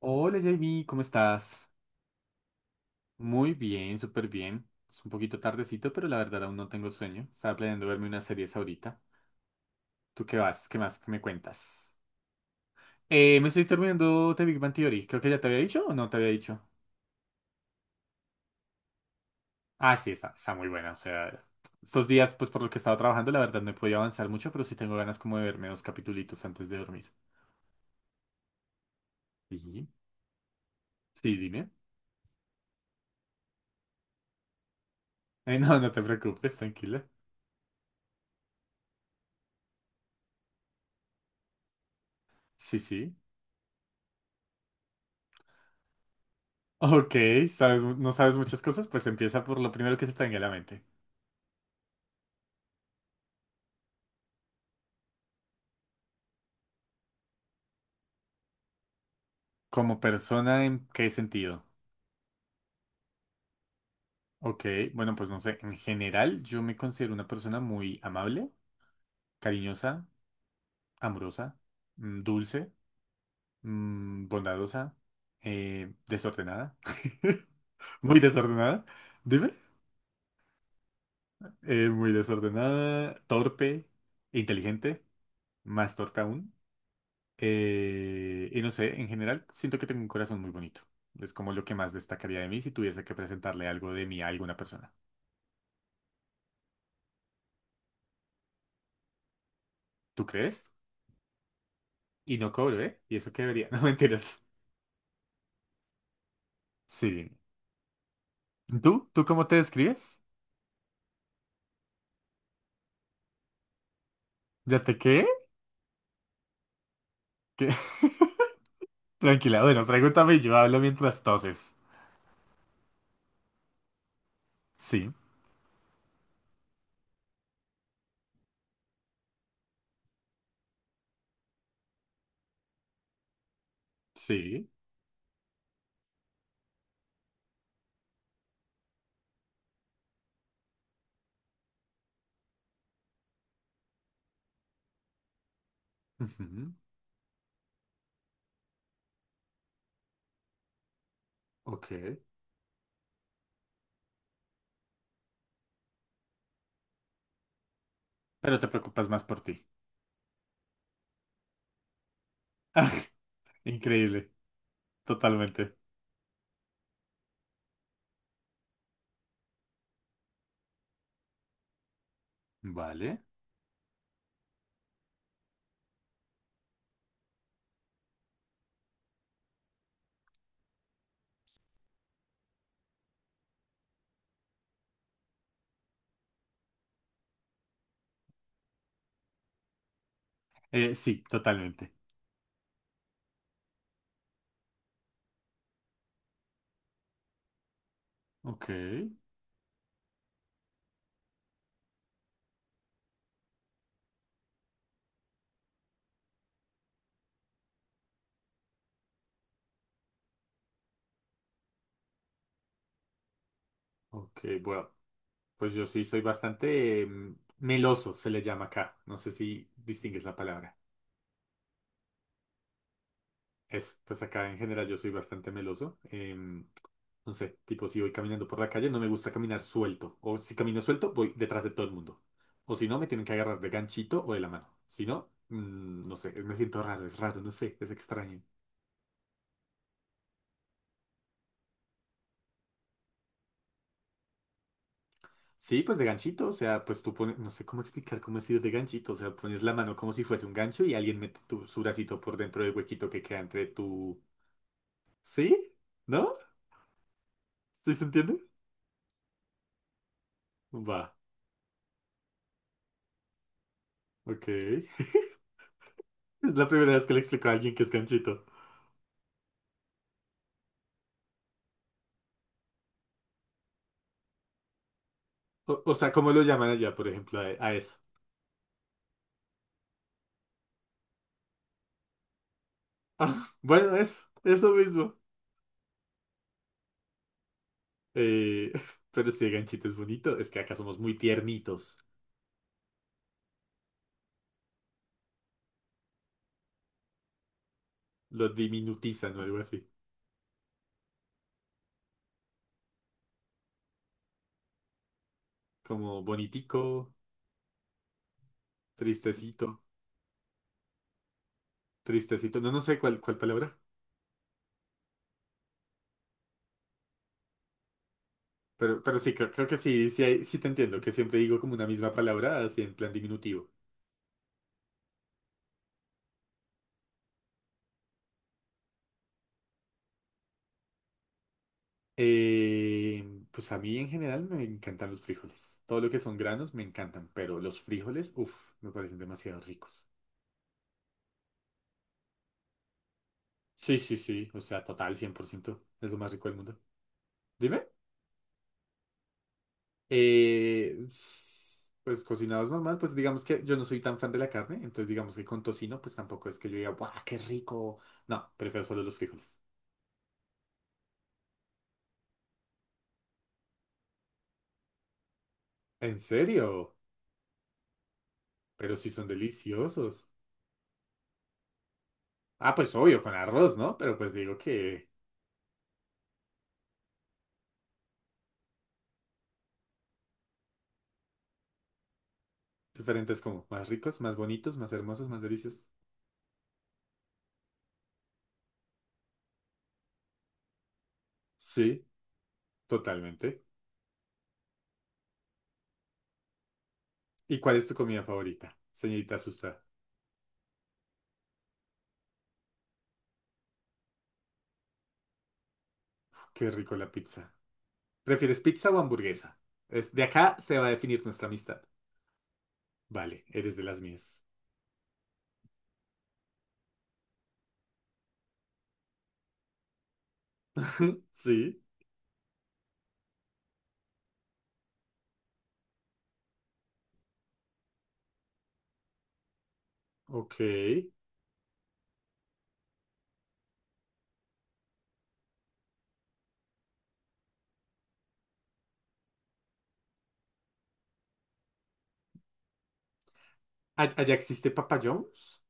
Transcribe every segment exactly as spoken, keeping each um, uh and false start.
Hola J B, ¿cómo estás? Muy bien, súper bien. Es un poquito tardecito, pero la verdad aún no tengo sueño. Estaba planeando verme unas series ahorita. ¿Tú qué vas? ¿Qué más? ¿Qué me cuentas? Eh, me estoy terminando The Big Bang Theory. Creo que ya te había dicho o no te había dicho. Ah, sí, está, está muy buena. O sea, estos días, pues por lo que he estado trabajando, la verdad no he podido avanzar mucho, pero sí tengo ganas como de verme dos capitulitos antes de dormir. ¿Sí? Sí, dime. Eh, no, no te preocupes, tranquila. Sí, sí. Ok, ¿sabes, mu- no sabes muchas cosas? Pues empieza por lo primero que se te venga a la mente. Como persona, ¿en qué sentido? Ok, bueno, pues no sé, en general yo me considero una persona muy amable, cariñosa, amorosa, mm, dulce, mm, bondadosa, eh, desordenada, muy desordenada, dime, eh, muy desordenada, torpe, inteligente, más torpe aún, eh, y no sé, en general siento que tengo un corazón muy bonito. Es como lo que más destacaría de mí si tuviese que presentarle algo de mí a alguna persona. ¿Tú crees? Y no cobro, ¿eh? Y eso que debería. No, mentiras. Sí. ¿Tú? ¿Tú cómo te describes? ¿Ya te qué? ¿Qué? Tranquila, bueno, pregúntame y yo hablo mientras toses. Sí. Sí. Ujú. Ok. Pero te preocupas más por ti. Increíble. Totalmente. Vale. Eh, sí, totalmente. Ok. Ok, bueno. Pues yo sí soy bastante eh, meloso, se le llama acá. No sé si distingues la palabra. Eso, pues acá en general yo soy bastante meloso. em, no sé, tipo si voy caminando por la calle, no me gusta caminar suelto. O si camino suelto, voy detrás de todo el mundo. O si no, me tienen que agarrar de ganchito o de la mano. Si no, mm, no sé, me siento raro, es raro, no sé, es extraño. Sí, pues de ganchito, o sea, pues tú pones, no sé cómo explicar cómo es ir de ganchito, o sea, pones la mano como si fuese un gancho y alguien mete tu, su bracito por dentro del huequito que queda entre tu... ¿Sí? ¿No? ¿Sí se entiende? Va, ok. Es la primera vez que le explico a alguien que es ganchito. O, o sea, ¿cómo lo llaman allá, por ejemplo, a, a eso? Ah, bueno, eso, eso mismo. Eh, pero si el ganchito es bonito, es que acá somos muy tiernitos. Lo diminutizan o algo así. Como bonitico, tristecito, tristecito. No, no sé cuál, cuál palabra. Pero, pero sí, creo, creo que sí, sí, hay- sí te entiendo, que siempre digo como una misma palabra, así en plan diminutivo. Eh, pues a mí en general me encantan los frijoles. Todo lo que son granos me encantan, pero los frijoles, uff, me parecen demasiado ricos. Sí, sí, sí, o sea, total, cien por ciento es lo más rico del mundo. Dime, eh, s- pues cocinados normal, pues digamos que yo no soy tan fan de la carne, entonces digamos que con tocino, pues tampoco es que yo diga, ¡guau, qué rico! No, prefiero solo los frijoles. ¿En serio? Pero sí son deliciosos. Ah, pues obvio, con arroz, ¿no? Pero pues digo que diferentes como más ricos, más bonitos, más hermosos, más deliciosos. Sí, totalmente. ¿Y cuál es tu comida favorita, señorita Asusta? Qué rico la pizza. ¿Prefieres pizza o hamburguesa? Es- de acá se va a definir nuestra amistad. Vale, eres de las mías. Sí, ok. ¿A- ¿Allá existe Papa John's?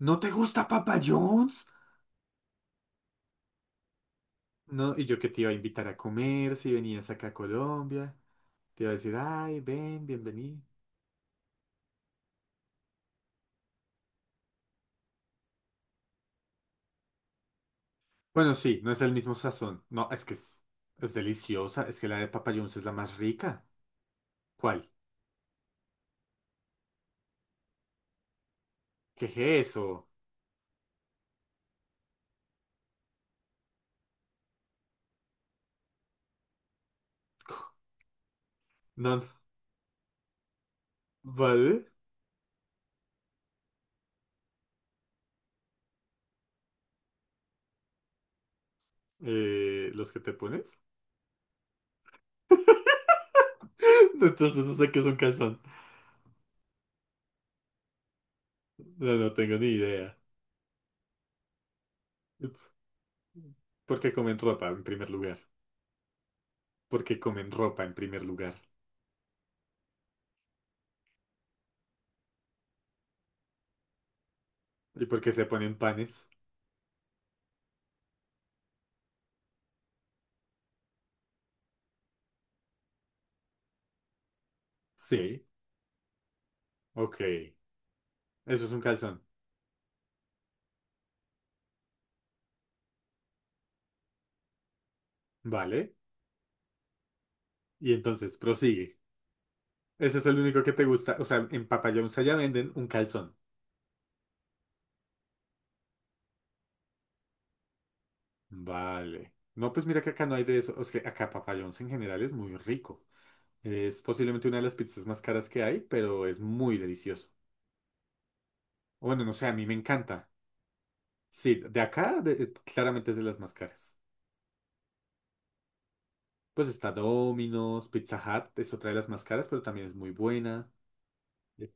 ¿No te gusta Papa John's? No, y yo que te iba a invitar a comer si venías acá a Colombia. Te iba a decir, ay, ven, bienvenido. Bueno, sí, no es el mismo sazón. No, es que es, es deliciosa. Es que la de Papa John's es la más rica. ¿Cuál? ¿Qué es eso? No, no. ¿Vale? Eh, ¿los que te pones? Entonces no sé qué es un calzón. No, no tengo ni idea. ¿Por qué comen ropa en primer lugar? ¿Por qué comen ropa en primer lugar? ¿Y por qué se ponen panes? Sí, ok. Eso es un calzón. Vale. Y entonces, prosigue. Ese es el único que te gusta. O sea, en Papa John's allá venden un calzón. Vale. No, pues mira que acá no hay de eso. O sea, acá Papa John's en general es muy rico. Es posiblemente una de las pizzas más caras que hay, pero es muy delicioso. Bueno, no sé, a mí me encanta. Sí, de acá de- eh, claramente es de las más caras. Pues está Domino's, Pizza Hut es otra de las más caras, pero también es muy buena. Eh,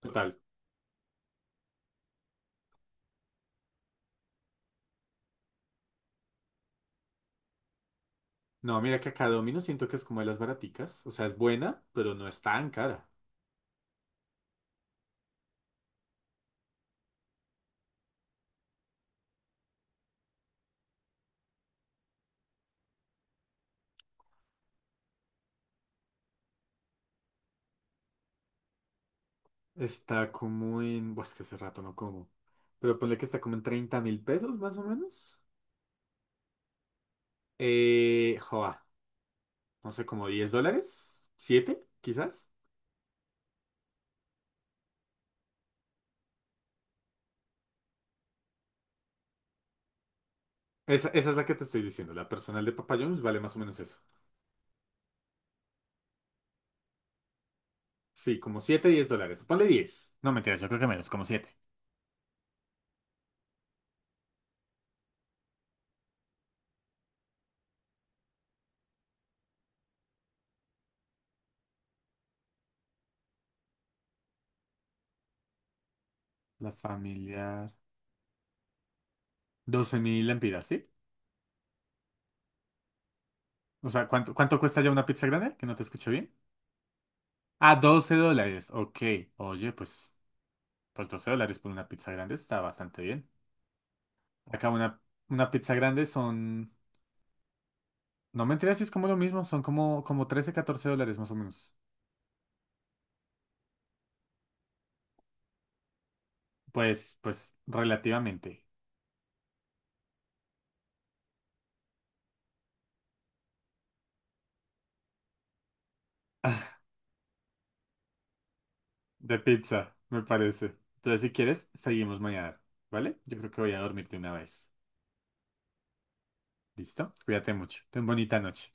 Total. No, mira que acá Domino's siento que es como de las baraticas. O sea, es buena, pero no es tan cara. Está como en... Pues que hace rato no como. Pero ponle que está como en treinta mil pesos más o menos. Eh, joa, no sé, como diez dólares. Siete, quizás. Esa, esa es la que te estoy diciendo. La personal de Papa John's vale más o menos eso. Sí, como siete diez dólares. Ponle diez. No, mentiras, yo creo que menos, como siete. La familiar. Doce mil lempiras, ¿sí? O sea, ¿cuánto, ¿cuánto cuesta ya una pizza grande? Que no te escucho bien. Ah, doce dólares. Ok. Oye, pues, pues doce dólares por una pizza grande está bastante bien. Acá una, una pizza grande son... No mentiras, sí es como lo mismo. Son como, como trece catorce dólares más o menos. Pues, pues, relativamente. De pizza, me parece. Entonces, si quieres, seguimos mañana. ¿Vale? Yo creo que voy a dormirte una vez. ¿Listo? Cuídate mucho. Ten bonita noche.